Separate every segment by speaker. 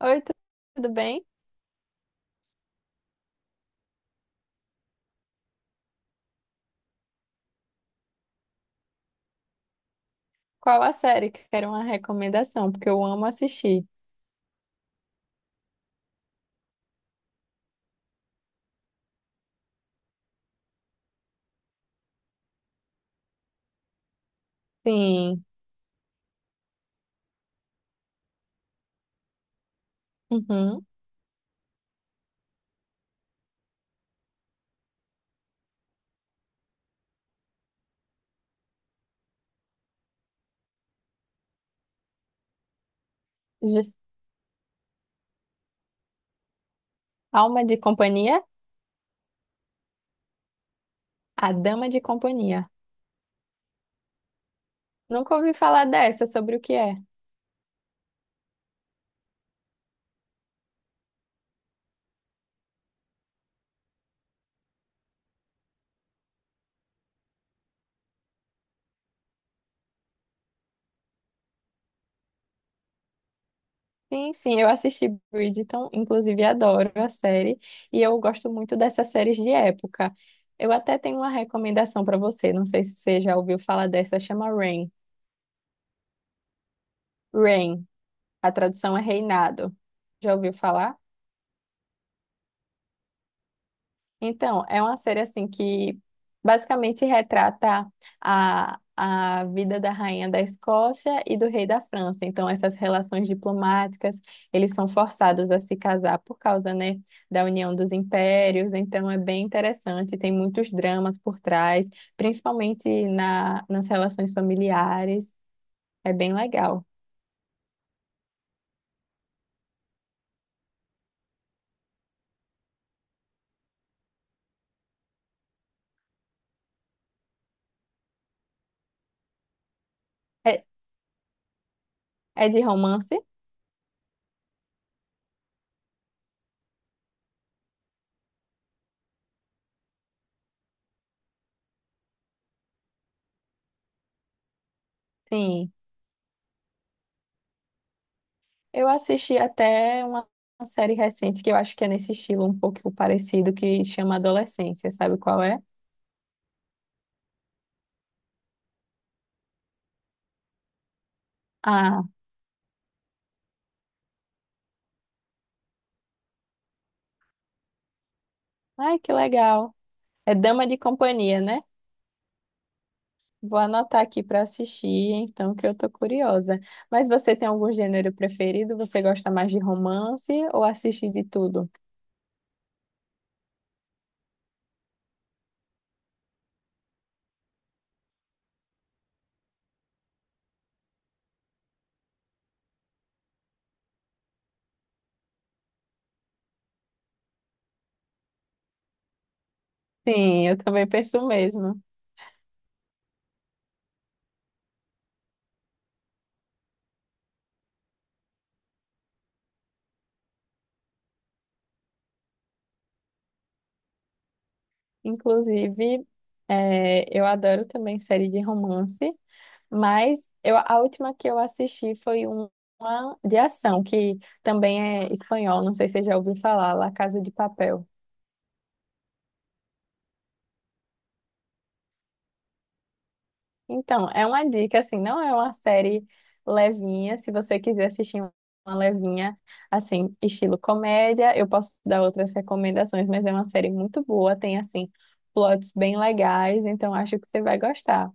Speaker 1: Oi, tudo bem? Qual a série que quero uma recomendação? Porque eu amo assistir. Sim. Uhum. J- Alma de Companhia? A Dama de Companhia. Nunca ouvi falar dessa, sobre o que é. Sim, sim, eu assisti Bridgerton, inclusive adoro a série, e eu gosto muito dessas séries de época. Eu até tenho uma recomendação para você, não sei se você já ouviu falar dessa, chama Reign. Reign, a tradução é reinado. Já ouviu falar? Então, é uma série assim que basicamente retrata a vida da rainha da Escócia e do rei da França. Então, essas relações diplomáticas, eles são forçados a se casar por causa, né, da união dos impérios. Então, é bem interessante, tem muitos dramas por trás, principalmente nas relações familiares. É bem legal. É, é de romance? Sim. Eu assisti até uma série recente que eu acho que é nesse estilo um pouco parecido, que chama Adolescência, sabe qual é? Ah, ai que legal. É Dama de Companhia, né? Vou anotar aqui para assistir, então, que eu tô curiosa. Mas você tem algum gênero preferido? Você gosta mais de romance ou assiste de tudo? Sim, eu também penso o mesmo. Inclusive, eu adoro também série de romance. Mas eu, a última que eu assisti uma de ação, que também é espanhol, não sei se você já ouviu falar, La Casa de Papel. Então, é uma dica, assim, não é uma série levinha, se você quiser assistir uma levinha, assim, estilo comédia, eu posso dar outras recomendações, mas é uma série muito boa, tem, assim, plots bem legais, então acho que você vai gostar.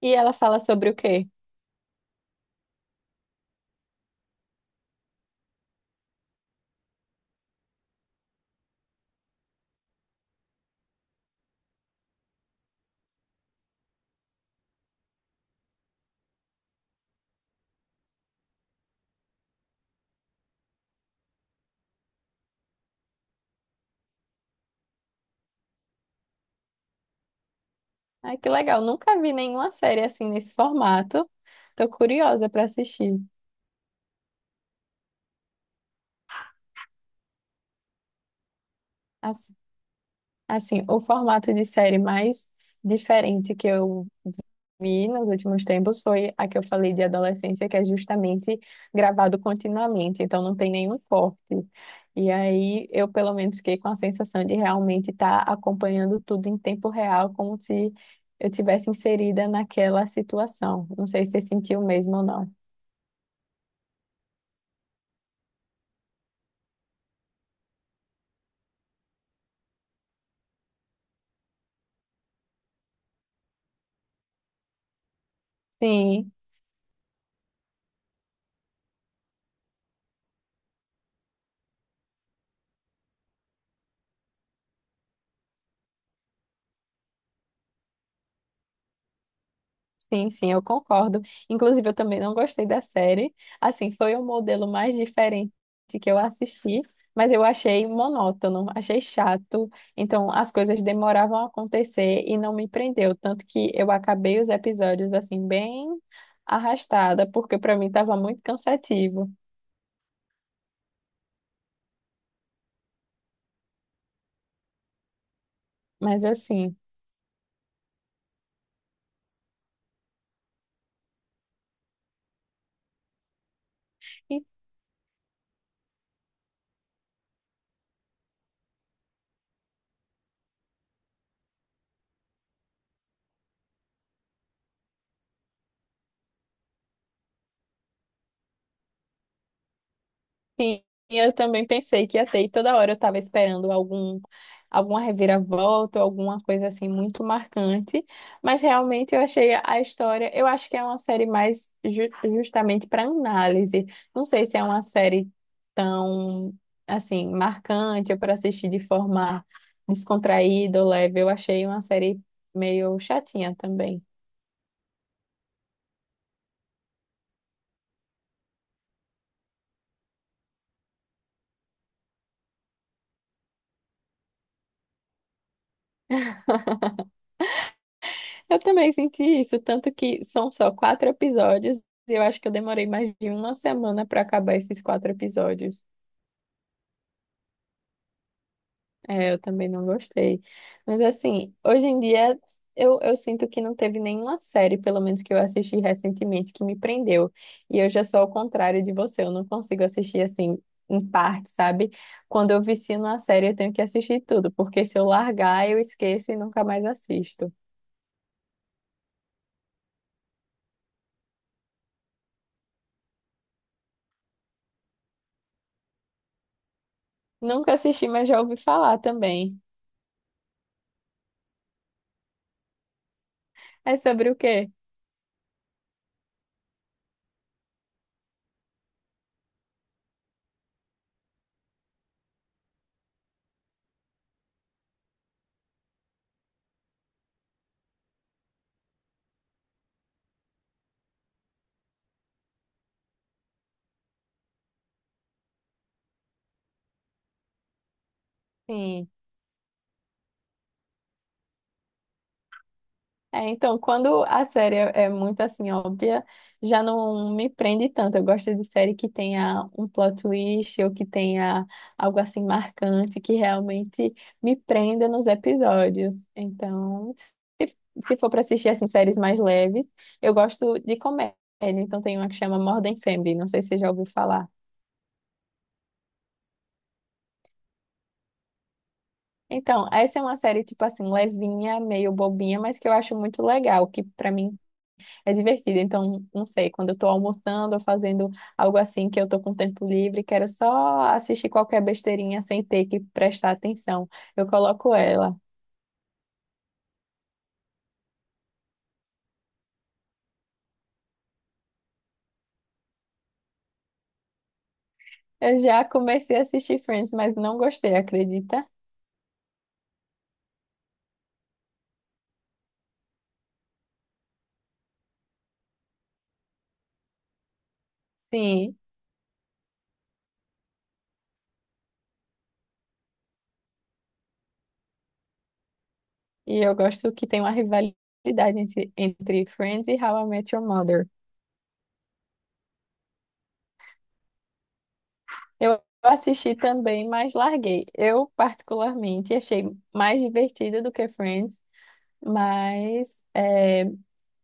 Speaker 1: E ela fala sobre o quê? Ai, que legal, nunca vi nenhuma série assim nesse formato, tô curiosa para assistir. Assim, assim, o formato de série mais diferente que eu vi nos últimos tempos foi a que eu falei de adolescência, que é justamente gravado continuamente, então não tem nenhum corte. E aí eu, pelo menos, fiquei com a sensação de realmente estar acompanhando tudo em tempo real, como se eu tivesse inserida naquela situação. Não sei se você sentiu mesmo ou não. Sim. Sim, sim, eu concordo. Inclusive, eu também não gostei da série. Assim, foi o modelo mais diferente que eu assisti, mas eu achei monótono, achei chato. Então, as coisas demoravam a acontecer e não me prendeu. Tanto que eu acabei os episódios, assim, bem arrastada, porque para mim estava muito cansativo. Mas, assim. Sim, eu também pensei que ia ter, e toda hora eu estava esperando algum, alguma reviravolta, ou alguma coisa assim muito marcante, mas realmente eu achei a história, eu acho que é uma série mais justamente para análise. Não sei se é uma série tão assim marcante ou para assistir de forma descontraída ou leve. Eu achei uma série meio chatinha também. Eu também senti isso, tanto que são só quatro episódios, e eu acho que eu demorei mais de uma semana para acabar esses quatro episódios. É, eu também não gostei. Mas assim, hoje em dia eu sinto que não teve nenhuma série, pelo menos que eu assisti recentemente, que me prendeu. E eu já sou ao contrário de você, eu não consigo assistir assim em parte, sabe? Quando eu vicio numa série, eu tenho que assistir tudo, porque se eu largar, eu esqueço e nunca mais assisto. Nunca assisti, mas já ouvi falar também. É sobre o quê? Sim. É, então, quando a série é muito assim óbvia, já não me prende tanto. Eu gosto de série que tenha um plot twist ou que tenha algo assim marcante que realmente me prenda nos episódios. Então, se for para assistir assim séries mais leves, eu gosto de comédia. Então, tem uma que chama Modern Family, não sei se você já ouviu falar. Então, essa é uma série tipo assim levinha, meio bobinha, mas que eu acho muito legal, que para mim é divertido, então, não sei, quando eu tô almoçando ou fazendo algo assim que eu tô com tempo livre, quero só assistir qualquer besteirinha sem ter que prestar atenção. Eu coloco ela. Eu já comecei a assistir Friends, mas não gostei, acredita? Sim, e eu gosto que tem uma rivalidade entre Friends e How I Met Your Mother. Eu assisti também, mas larguei. Eu, particularmente, achei mais divertida do que Friends, mas.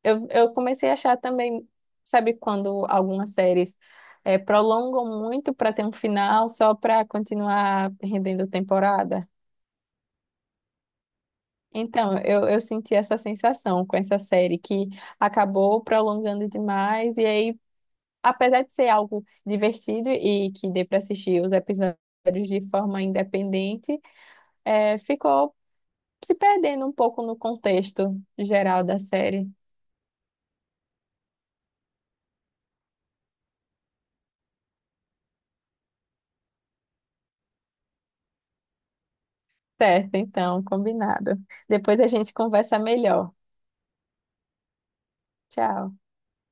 Speaker 1: Eu comecei a achar também, sabe, quando algumas séries prolongam muito para ter um final só para continuar rendendo temporada? Então, eu senti essa sensação com essa série que acabou prolongando demais, e aí, apesar de ser algo divertido e que dê para assistir os episódios de forma independente, ficou se perdendo um pouco no contexto geral da série. Certo, então, combinado. Depois a gente conversa melhor. Tchau.